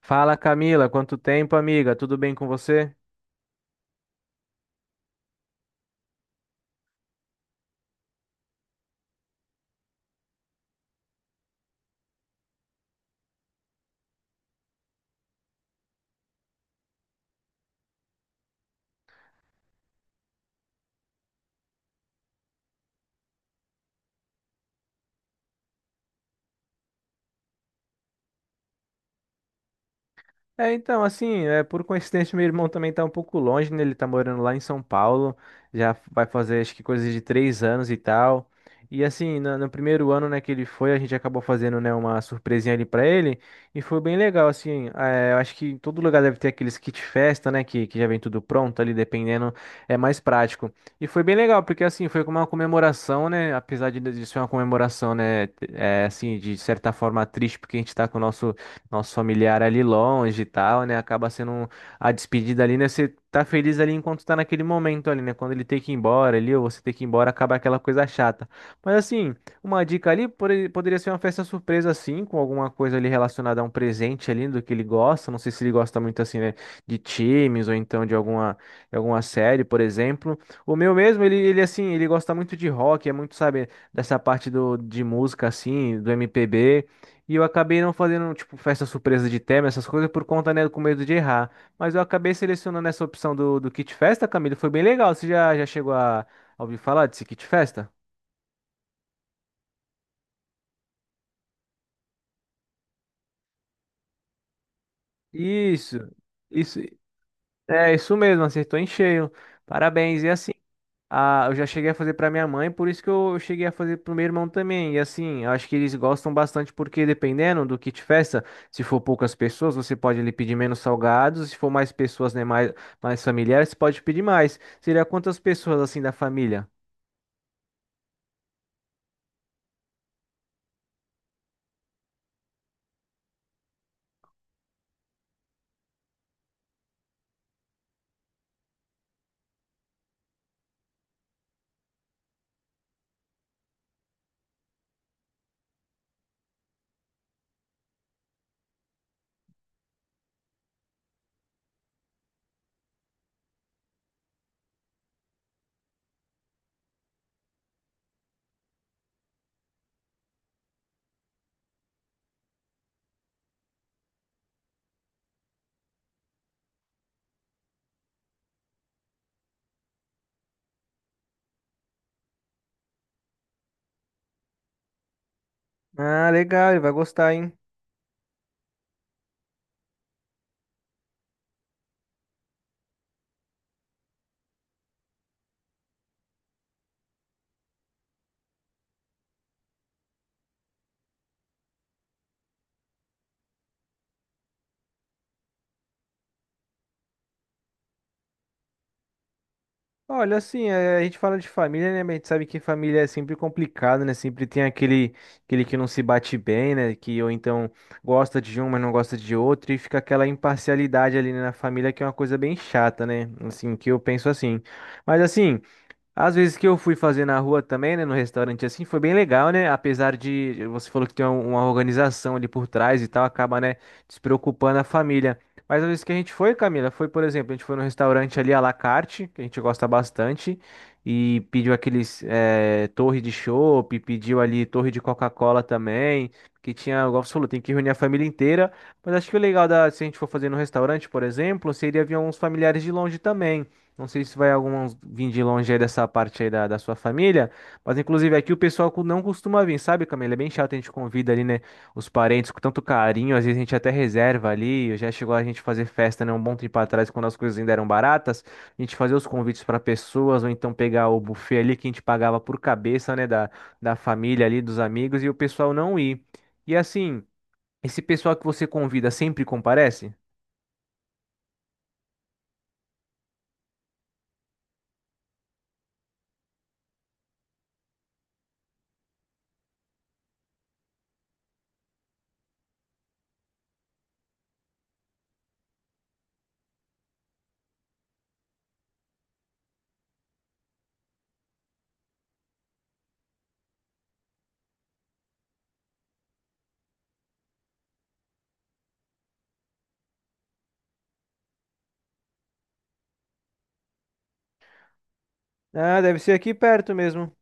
Fala Camila, quanto tempo, amiga? Tudo bem com você? Então, por coincidência, meu irmão também tá um pouco longe, né? Ele tá morando lá em São Paulo, já vai fazer acho que coisas de 3 anos e tal. E assim, no primeiro ano, né, que ele foi, a gente acabou fazendo, né, uma surpresinha ali pra ele, e foi bem legal, assim, eu acho que em todo lugar deve ter aqueles kit festa, né, que já vem tudo pronto ali, dependendo, é mais prático. E foi bem legal, porque assim, foi como uma comemoração, né, apesar de ser uma comemoração, né, assim, de certa forma triste, porque a gente tá com o nosso familiar ali longe e tal, né? Acaba sendo a despedida ali, né? Você tá feliz ali enquanto tá naquele momento ali, né? Quando ele tem que ir embora ali, ou você tem que ir embora, acaba aquela coisa chata. Mas assim, uma dica ali poderia ser uma festa surpresa assim, com alguma coisa ali relacionada a um presente ali do que ele gosta. Não sei se ele gosta muito assim, né? De times ou então de alguma série, por exemplo. O meu mesmo, ele assim, ele gosta muito de rock, é muito, sabe, dessa parte de música assim, do MPB. E eu acabei não fazendo, tipo, festa surpresa de tema, essas coisas, por conta, né, com medo de errar. Mas eu acabei selecionando essa opção do kit festa, Camilo. Foi bem legal. Você já chegou a ouvir falar desse kit festa? Isso, isso. É, isso mesmo, acertou em cheio. Parabéns. E assim. Ah, eu já cheguei a fazer pra minha mãe, por isso que eu cheguei a fazer pro meu irmão também. E assim, eu acho que eles gostam bastante porque dependendo do kit festa, se for poucas pessoas, você pode ali pedir menos salgados, se for mais pessoas, né, mais, mais familiares, você pode pedir mais. Seria quantas pessoas assim da família? Ah, legal, ele vai gostar, hein? Olha, assim, é, a gente fala de família, né? Mas a gente sabe que família é sempre complicado, né? Sempre tem aquele, aquele que não se bate bem, né? Que ou então gosta de um, mas não gosta de outro, e fica aquela imparcialidade ali, né, na família, que é uma coisa bem chata, né? Assim, que eu penso assim. Mas assim. Às vezes que eu fui fazer na rua também, né, no restaurante assim, foi bem legal, né? Apesar de você falou que tem uma organização ali por trás e tal, acaba, né, despreocupando a família. Mas às vezes que a gente foi, Camila, foi, por exemplo, a gente foi no restaurante ali à la carte, que a gente gosta bastante, e pediu aqueles torre de chopp, pediu ali torre de Coca-Cola também, que tinha, igual você falou, tem que reunir a família inteira. Mas acho que o legal da, se a gente for fazer no restaurante, por exemplo, seria vir uns familiares de longe também. Não sei se vai alguns vir de longe aí dessa parte aí da sua família, mas inclusive aqui o pessoal não costuma vir, sabe, Camila? É bem chato, a gente convida ali, né, os parentes com tanto carinho, às vezes a gente até reserva ali, já chegou a gente fazer festa, né, um bom tempo atrás, quando as coisas ainda eram baratas, a gente fazia os convites para pessoas, ou então pegar o buffet ali que a gente pagava por cabeça, né, da família ali, dos amigos, e o pessoal não ir. E assim, esse pessoal que você convida sempre comparece? Ah, deve ser aqui perto mesmo.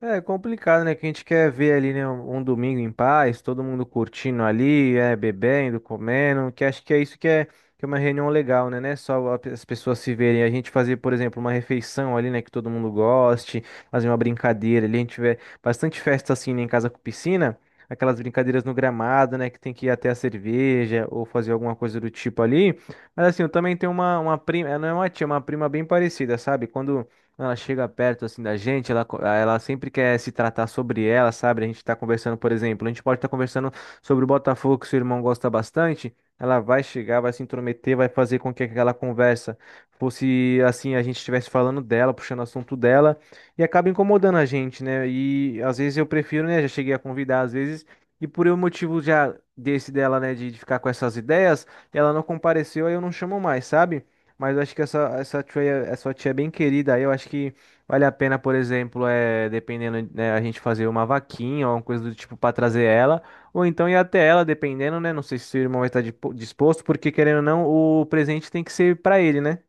É complicado, né? Que a gente quer ver ali, né? Um domingo em paz, todo mundo curtindo ali, é, bebendo, comendo, que acho que é isso que é uma reunião legal, né? Não é só a as pessoas se verem, a gente fazer, por exemplo, uma refeição ali, né? Que todo mundo goste, fazer uma brincadeira ali, a gente tiver bastante festa assim, né, em casa com piscina, aquelas brincadeiras no gramado, né? Que tem que ir até a cerveja ou fazer alguma coisa do tipo ali. Mas assim, eu também tenho uma prima, ela não é uma tia, é uma prima bem parecida, sabe? Quando ela chega perto assim da gente, ela sempre quer se tratar sobre ela, sabe? A gente tá conversando, por exemplo, a gente pode estar conversando sobre o Botafogo que seu irmão gosta bastante. Ela vai chegar, vai se intrometer, vai fazer com que aquela conversa fosse assim, a gente estivesse falando dela, puxando o assunto dela, e acaba incomodando a gente, né? E às vezes eu prefiro, né? Já cheguei a convidar às vezes, e por um motivo já desse dela, né, de ficar com essas ideias, ela não compareceu, aí eu não chamo mais, sabe? Mas eu acho que essa tia é bem querida. Aí eu acho que vale a pena, por exemplo, é, dependendo, né, a gente fazer uma vaquinha ou uma coisa do tipo para trazer ela. Ou então ir até ela, dependendo, né? Não sei se o irmão vai estar disposto, porque querendo ou não, o presente tem que ser para ele, né?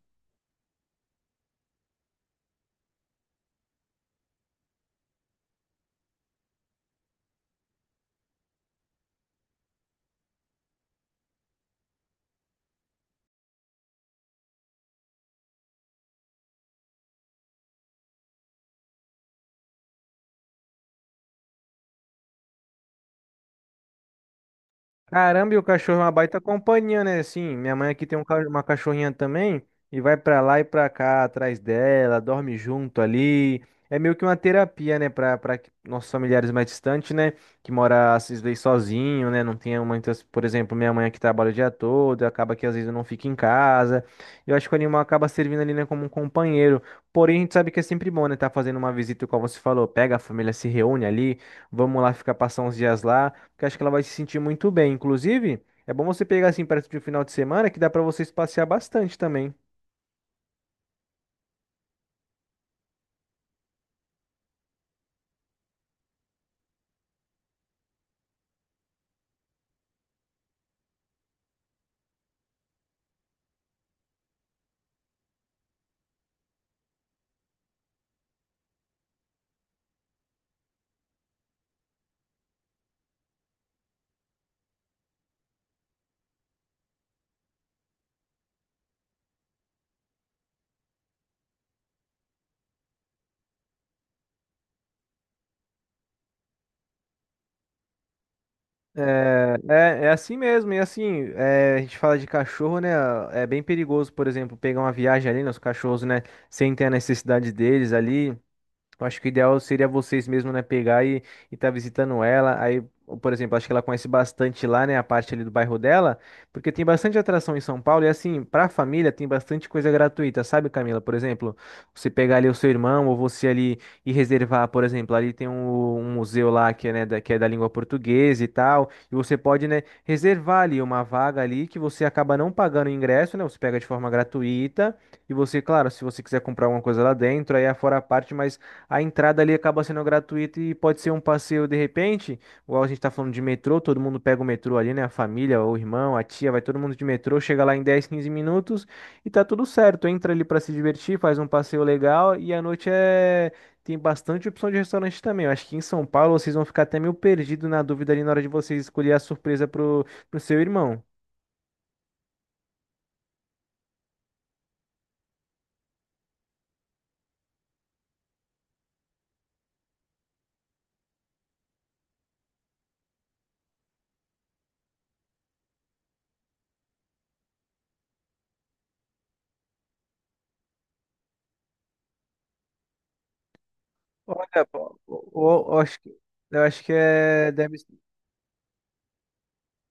Caramba, e o cachorro é uma baita companhia, né? Assim, minha mãe aqui tem uma cachorrinha também e vai pra lá e pra cá atrás dela, dorme junto ali. É meio que uma terapia, né, pra para nossos familiares mais distantes, né, que mora às vezes sozinho, né, não tem muitas, por exemplo, minha mãe aqui trabalha o dia todo, acaba que às vezes eu não fico em casa. Eu acho que o animal acaba servindo ali, né, como um companheiro. Porém, a gente sabe que é sempre bom, né, tá fazendo uma visita, como você falou, pega a família, se reúne ali, vamos lá ficar passar uns dias lá que acho que ela vai se sentir muito bem. Inclusive, é bom você pegar assim perto de um final de semana que dá pra vocês passear bastante também. É assim mesmo, e assim, é, a gente fala de cachorro, né? É bem perigoso, por exemplo, pegar uma viagem ali nos cachorros, né? Sem ter a necessidade deles ali. Eu acho que o ideal seria vocês mesmo, né, pegar e estar visitando ela. Aí, ou, por exemplo, acho que ela conhece bastante lá, né, a parte ali do bairro dela, porque tem bastante atração em São Paulo e assim, pra família tem bastante coisa gratuita, sabe, Camila? Por exemplo, você pegar ali o seu irmão ou você ali e reservar, por exemplo, ali tem um museu lá que é, né, que é da língua portuguesa e tal, e você pode, né, reservar ali uma vaga ali que você acaba não pagando o ingresso, né? Você pega de forma gratuita e você, claro, se você quiser comprar alguma coisa lá dentro, aí é fora a parte, mas a entrada ali acaba sendo gratuita e pode ser um passeio de repente, igual a gente tá falando de metrô, todo mundo pega o metrô ali, né? A família, o irmão, a tia, vai todo mundo de metrô, chega lá em 10 15 minutos e tá tudo certo. Entra ali pra se divertir, faz um passeio legal e à noite tem bastante opção de restaurante também. Eu acho que em São Paulo vocês vão ficar até meio perdido na dúvida ali na hora de vocês escolher a surpresa pro seu irmão. Olha, pô, eu acho que eu acho que é, deve.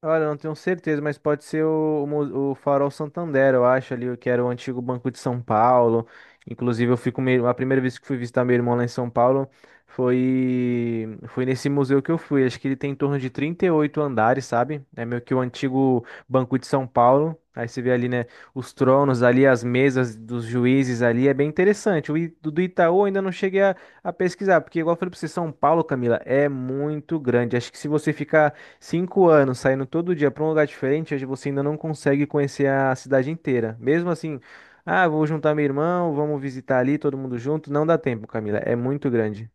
Olha, eu não tenho certeza, mas pode ser o Farol Santander, eu acho ali, que era o antigo Banco de São Paulo. Inclusive, eu fico meio, a primeira vez que fui visitar meu irmão lá em São Paulo foi nesse museu que eu fui. Acho que ele tem em torno de 38 andares, sabe? É meio que o antigo Banco de São Paulo. Aí você vê ali, né, os tronos ali, as mesas dos juízes ali, é bem interessante. Do do Itaú eu ainda não cheguei a pesquisar, porque igual eu falei pra você, São Paulo, Camila, é muito grande. Acho que se você ficar 5 anos saindo todo dia para um lugar diferente, hoje você ainda não consegue conhecer a cidade inteira. Mesmo assim, ah, vou juntar meu irmão, vamos visitar ali, todo mundo junto. Não dá tempo, Camila, é muito grande.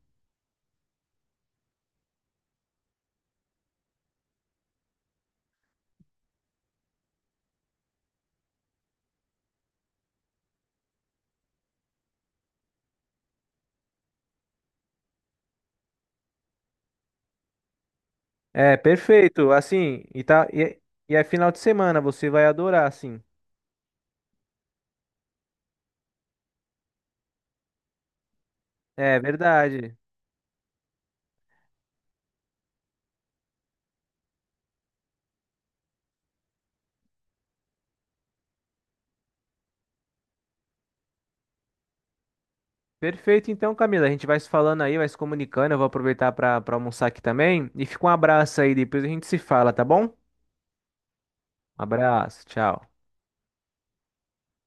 É, perfeito, assim, e é final de semana, você vai adorar, assim. É verdade. Perfeito, então, Camila, a gente vai se falando aí, vai se comunicando. Eu vou aproveitar para almoçar aqui também. E fica um abraço aí, depois a gente se fala, tá bom? Um abraço, tchau.